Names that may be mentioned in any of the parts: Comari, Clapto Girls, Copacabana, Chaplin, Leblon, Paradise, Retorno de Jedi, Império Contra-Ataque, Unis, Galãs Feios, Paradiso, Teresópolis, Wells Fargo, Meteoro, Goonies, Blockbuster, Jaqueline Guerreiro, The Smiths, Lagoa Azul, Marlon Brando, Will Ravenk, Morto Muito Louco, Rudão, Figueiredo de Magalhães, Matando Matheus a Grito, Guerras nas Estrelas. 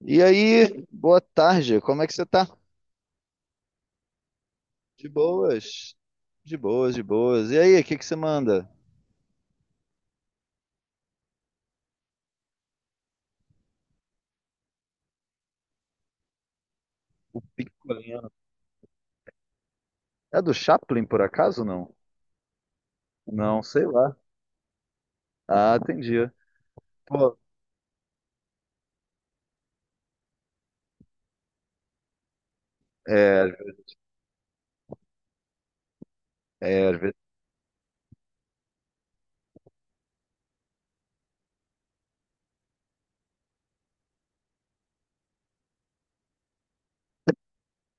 E aí, boa tarde, como é que você tá? De boas, de boas, de boas. E aí, o que que você manda? O Picolino. É do Chaplin, por acaso, não? Não, sei lá. Ah, entendi. Pô, é, é, às vezes-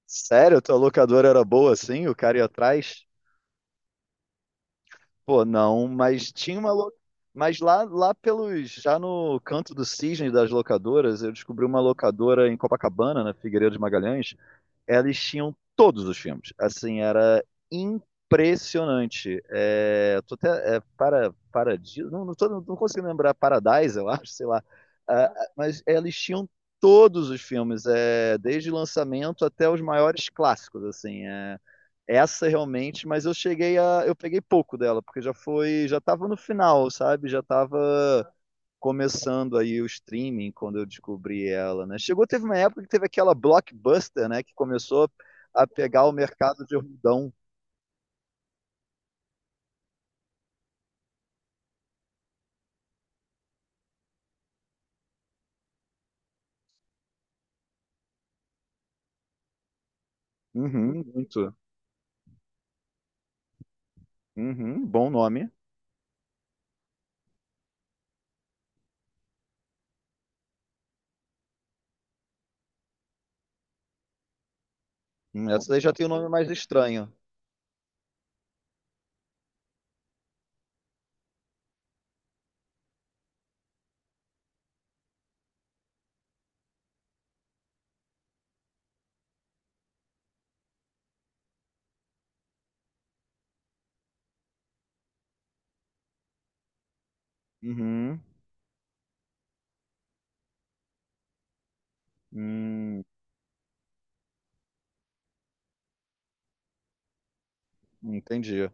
sério, tua locadora era boa assim? O cara ia atrás? Pô, não, mas tinha uma lo... Mas lá pelos, já no canto do cisne das locadoras, eu descobri uma locadora em Copacabana, na Figueiredo de Magalhães, eles tinham todos os filmes. Assim, era impressionante. É, tô até, é, para, Paradiso, não, não, tô, não consigo lembrar, Paradise, eu acho, sei lá. Ah, mas eles tinham todos os filmes, é, desde o lançamento até os maiores clássicos, assim. É, essa realmente, mas eu cheguei a, eu peguei pouco dela, porque já foi, já estava no final, sabe? Já estava começando aí o streaming quando eu descobri ela, né? Chegou, teve uma época que teve aquela Blockbuster, né? Que começou a pegar o mercado de Rudão. Uhum, muito. Uhum, bom nome. Essa daí já tem um nome mais estranho. Uhum, hum, entendi.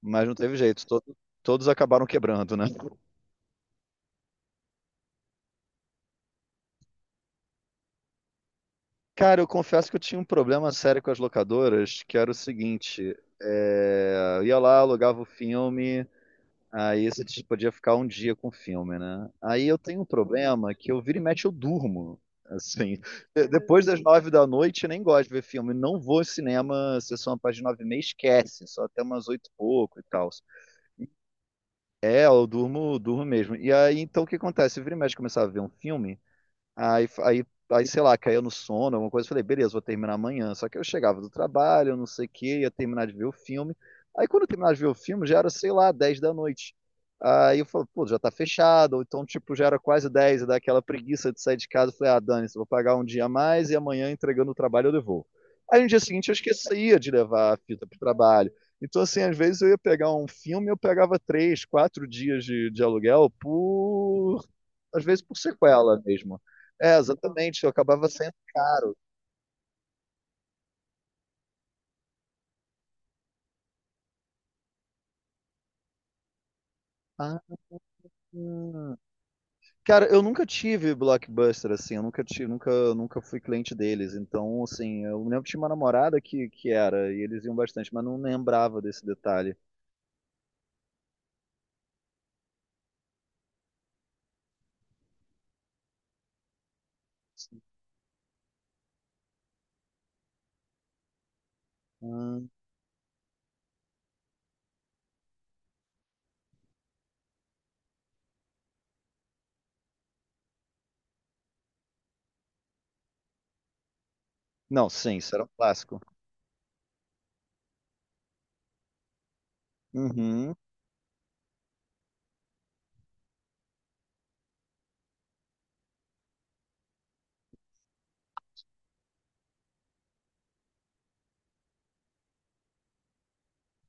Mas não teve jeito, todos acabaram quebrando, né? Cara, eu confesso que eu tinha um problema sério com as locadoras, que era o seguinte, é, eu ia lá, alugava o filme. Aí você tipo, podia ficar um dia com o filme, né? Aí eu tenho um problema que eu vira e mexe eu durmo. Assim, depois das nove da noite eu nem gosto de ver filme. Não vou ao cinema, sessão a partir de nove e meia, esquece. Só até umas oito e pouco e tal. É, eu durmo, durmo mesmo. E aí, então o que acontece? Eu vira e mexe começar a ver um filme. Aí, aí, aí, sei lá, caiu no sono, alguma coisa. Eu falei, beleza, vou terminar amanhã. Só que eu chegava do trabalho, não sei o quê, ia terminar de ver o filme. Aí quando eu terminava de ver o filme, já era, sei lá, 10 da noite. Aí eu falei, pô, já tá fechado. Ou então, tipo, já era quase 10 e dá aquela preguiça de sair de casa. Eu falei, ah, dane vou pagar um dia a mais e amanhã, entregando o trabalho, eu devolvo. Aí no dia seguinte eu esquecia de levar a fita pro trabalho. Então, assim, às vezes eu ia pegar um filme, eu pegava três, quatro dias de aluguel por às vezes por sequela mesmo. É, exatamente, eu acabava sendo caro. Ah, hum. Cara, eu nunca tive Blockbuster, assim, eu nunca tive, nunca, nunca fui cliente deles. Então, assim, eu lembro que tinha uma namorada que era, e eles iam bastante, mas não lembrava desse detalhe. Hum. Não, sim, isso era um clássico. Uhum.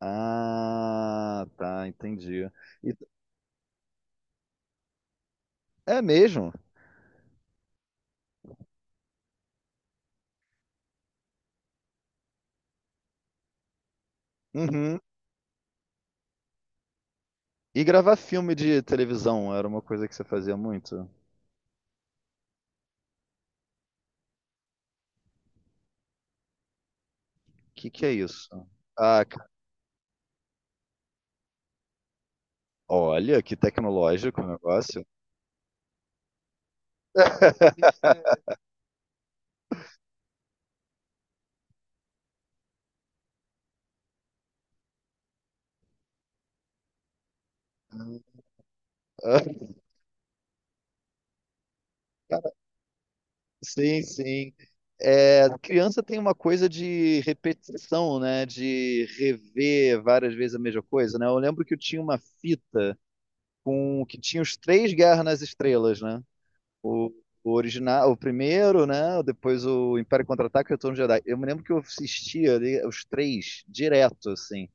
Ah, tá, entendi. E- é mesmo? Uhum. E gravar filme de televisão era uma coisa que você fazia muito? O que que é isso? Ah, olha, que tecnológico o negócio. Sim, sim. É, criança tem uma coisa de repetição, né? De rever várias vezes a mesma coisa, né? Eu lembro que eu tinha uma fita com que tinha os três Guerras nas Estrelas, né? O, o original, o primeiro, né? Depois o Império Contra-Ataque e o Retorno de Jedi. Eu me lembro que eu assistia ali os três direto, assim.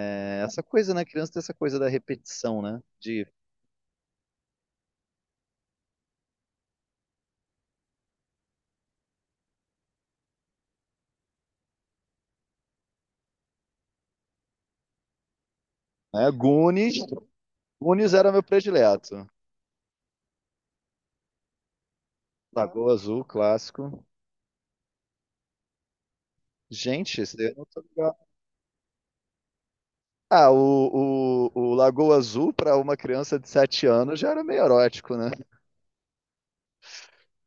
É, essa coisa, né? Criança tem essa coisa da repetição, né? De né? Goonies, Unis era meu predileto. Lagoa Azul, clássico. Gente, esse daí eu não tô ligado. Ah, o Lagoa Azul para uma criança de 7 anos já era meio erótico, né?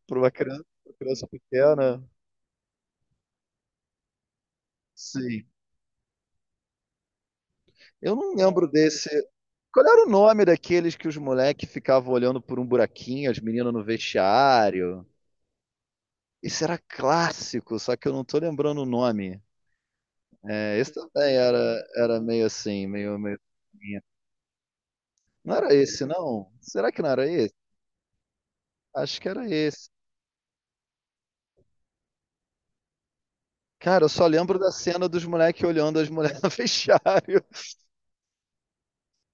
Para uma criança, pra criança pequena. Sim. Eu não lembro desse. Qual era o nome daqueles que os moleques ficavam olhando por um buraquinho, as meninas no vestiário? Esse era clássico, só que eu não tô lembrando o nome. É, esse também era meio assim, meio, meio. Não era esse, não? Será que não era esse? Acho que era esse. Cara, eu só lembro da cena dos moleques olhando as mulheres no vestiário.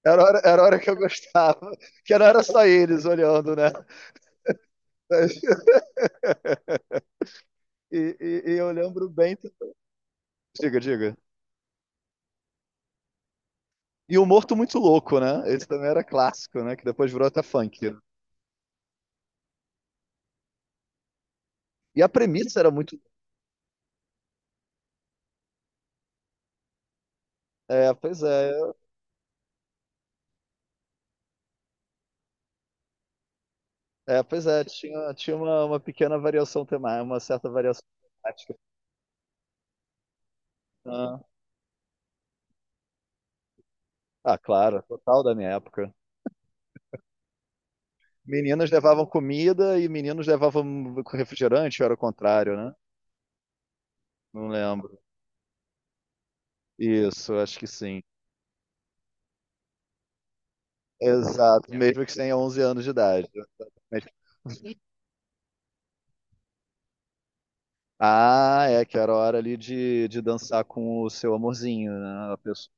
Era a hora que eu gostava. Que não era só eles olhando, né? Mas- e eu lembro bem. Diga, diga. E o Morto Muito Louco, né? Esse também era clássico, né? Que depois virou até funk, né? E a premissa era muito. É, pois é. É, pois é. Tinha uma pequena variação temática, uma certa variação temática. Ah, ah, claro. Total da minha época. Meninas levavam comida e meninos levavam refrigerante, ou era o contrário, né? Não lembro. Isso, acho que sim. Exato, mesmo que tenha 11 anos de idade. Mas- ah, é que era a hora ali de dançar com o seu amorzinho, né? A pessoa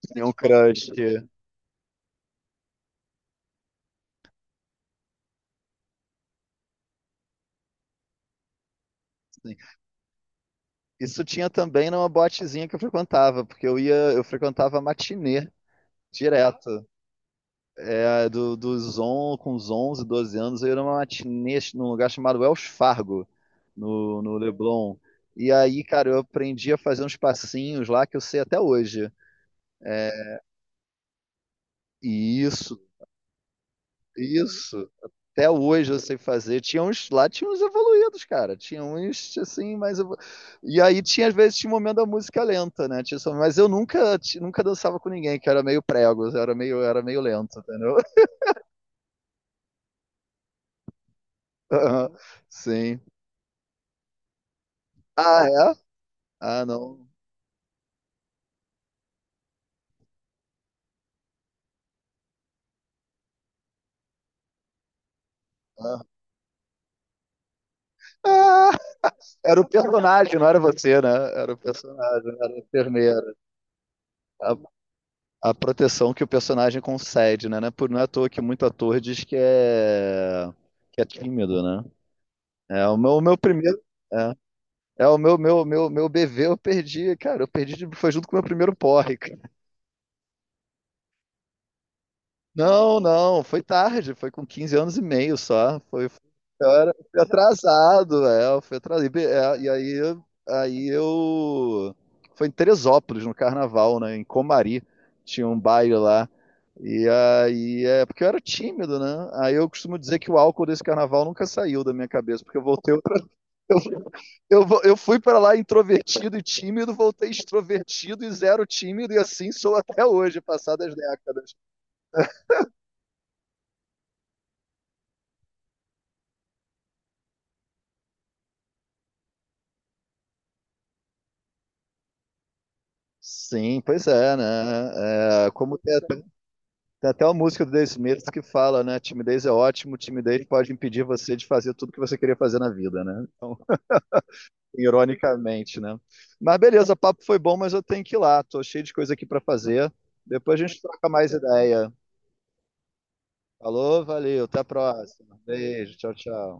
que tinha um crush. Sim. Isso tinha também numa botezinha que eu frequentava, porque eu ia, eu frequentava matinê direto. É, do, dos on, com uns 11, 12 anos, eu ia numa matinê num lugar chamado Wells Fargo, no Leblon. E aí, cara, eu aprendi a fazer uns passinhos lá que eu sei até hoje. É, e isso, isso. Até hoje eu sei fazer. Tinha uns, lá tinha uns evoluídos, cara. Tinha uns, assim. E aí tinha, às vezes, tinha um momento da música lenta, né? Tinha, mas eu nunca, nunca dançava com ninguém, que era meio prego, era meio lento, entendeu? Sim. Ah, é? Ah, não. Ah, ah, era o personagem, não era você, né? Era o personagem, era a enfermeira. A, a proteção que o personagem concede, né? Não é à toa que muito ator diz que é tímido, né? É o meu primeiro. É, é o meu bebê, eu perdi, cara. Eu perdi, foi junto com o meu primeiro porre. Não, não, foi tarde, foi com 15 anos e meio só. Foi, eu era, fui atrasado, é, eu fui atrasado. E, é, e aí, aí eu. Foi em Teresópolis, no carnaval, né? Em Comari, tinha um baile lá. E aí, é porque eu era tímido, né? Aí eu costumo dizer que o álcool desse carnaval nunca saiu da minha cabeça, porque eu voltei outra. Eu fui pra lá introvertido e tímido, voltei extrovertido e zero tímido, e assim sou até hoje, passadas décadas. Sim, pois é, né? É, como tem até uma música do The Smiths que fala, né? Timidez é ótimo, timidez pode impedir você de fazer tudo que você queria fazer na vida, né? Então, ironicamente, né? Mas beleza, o papo foi bom, mas eu tenho que ir lá. Tô cheio de coisa aqui para fazer. Depois a gente troca mais ideia. Falou, valeu, até a próxima. Beijo, tchau, tchau.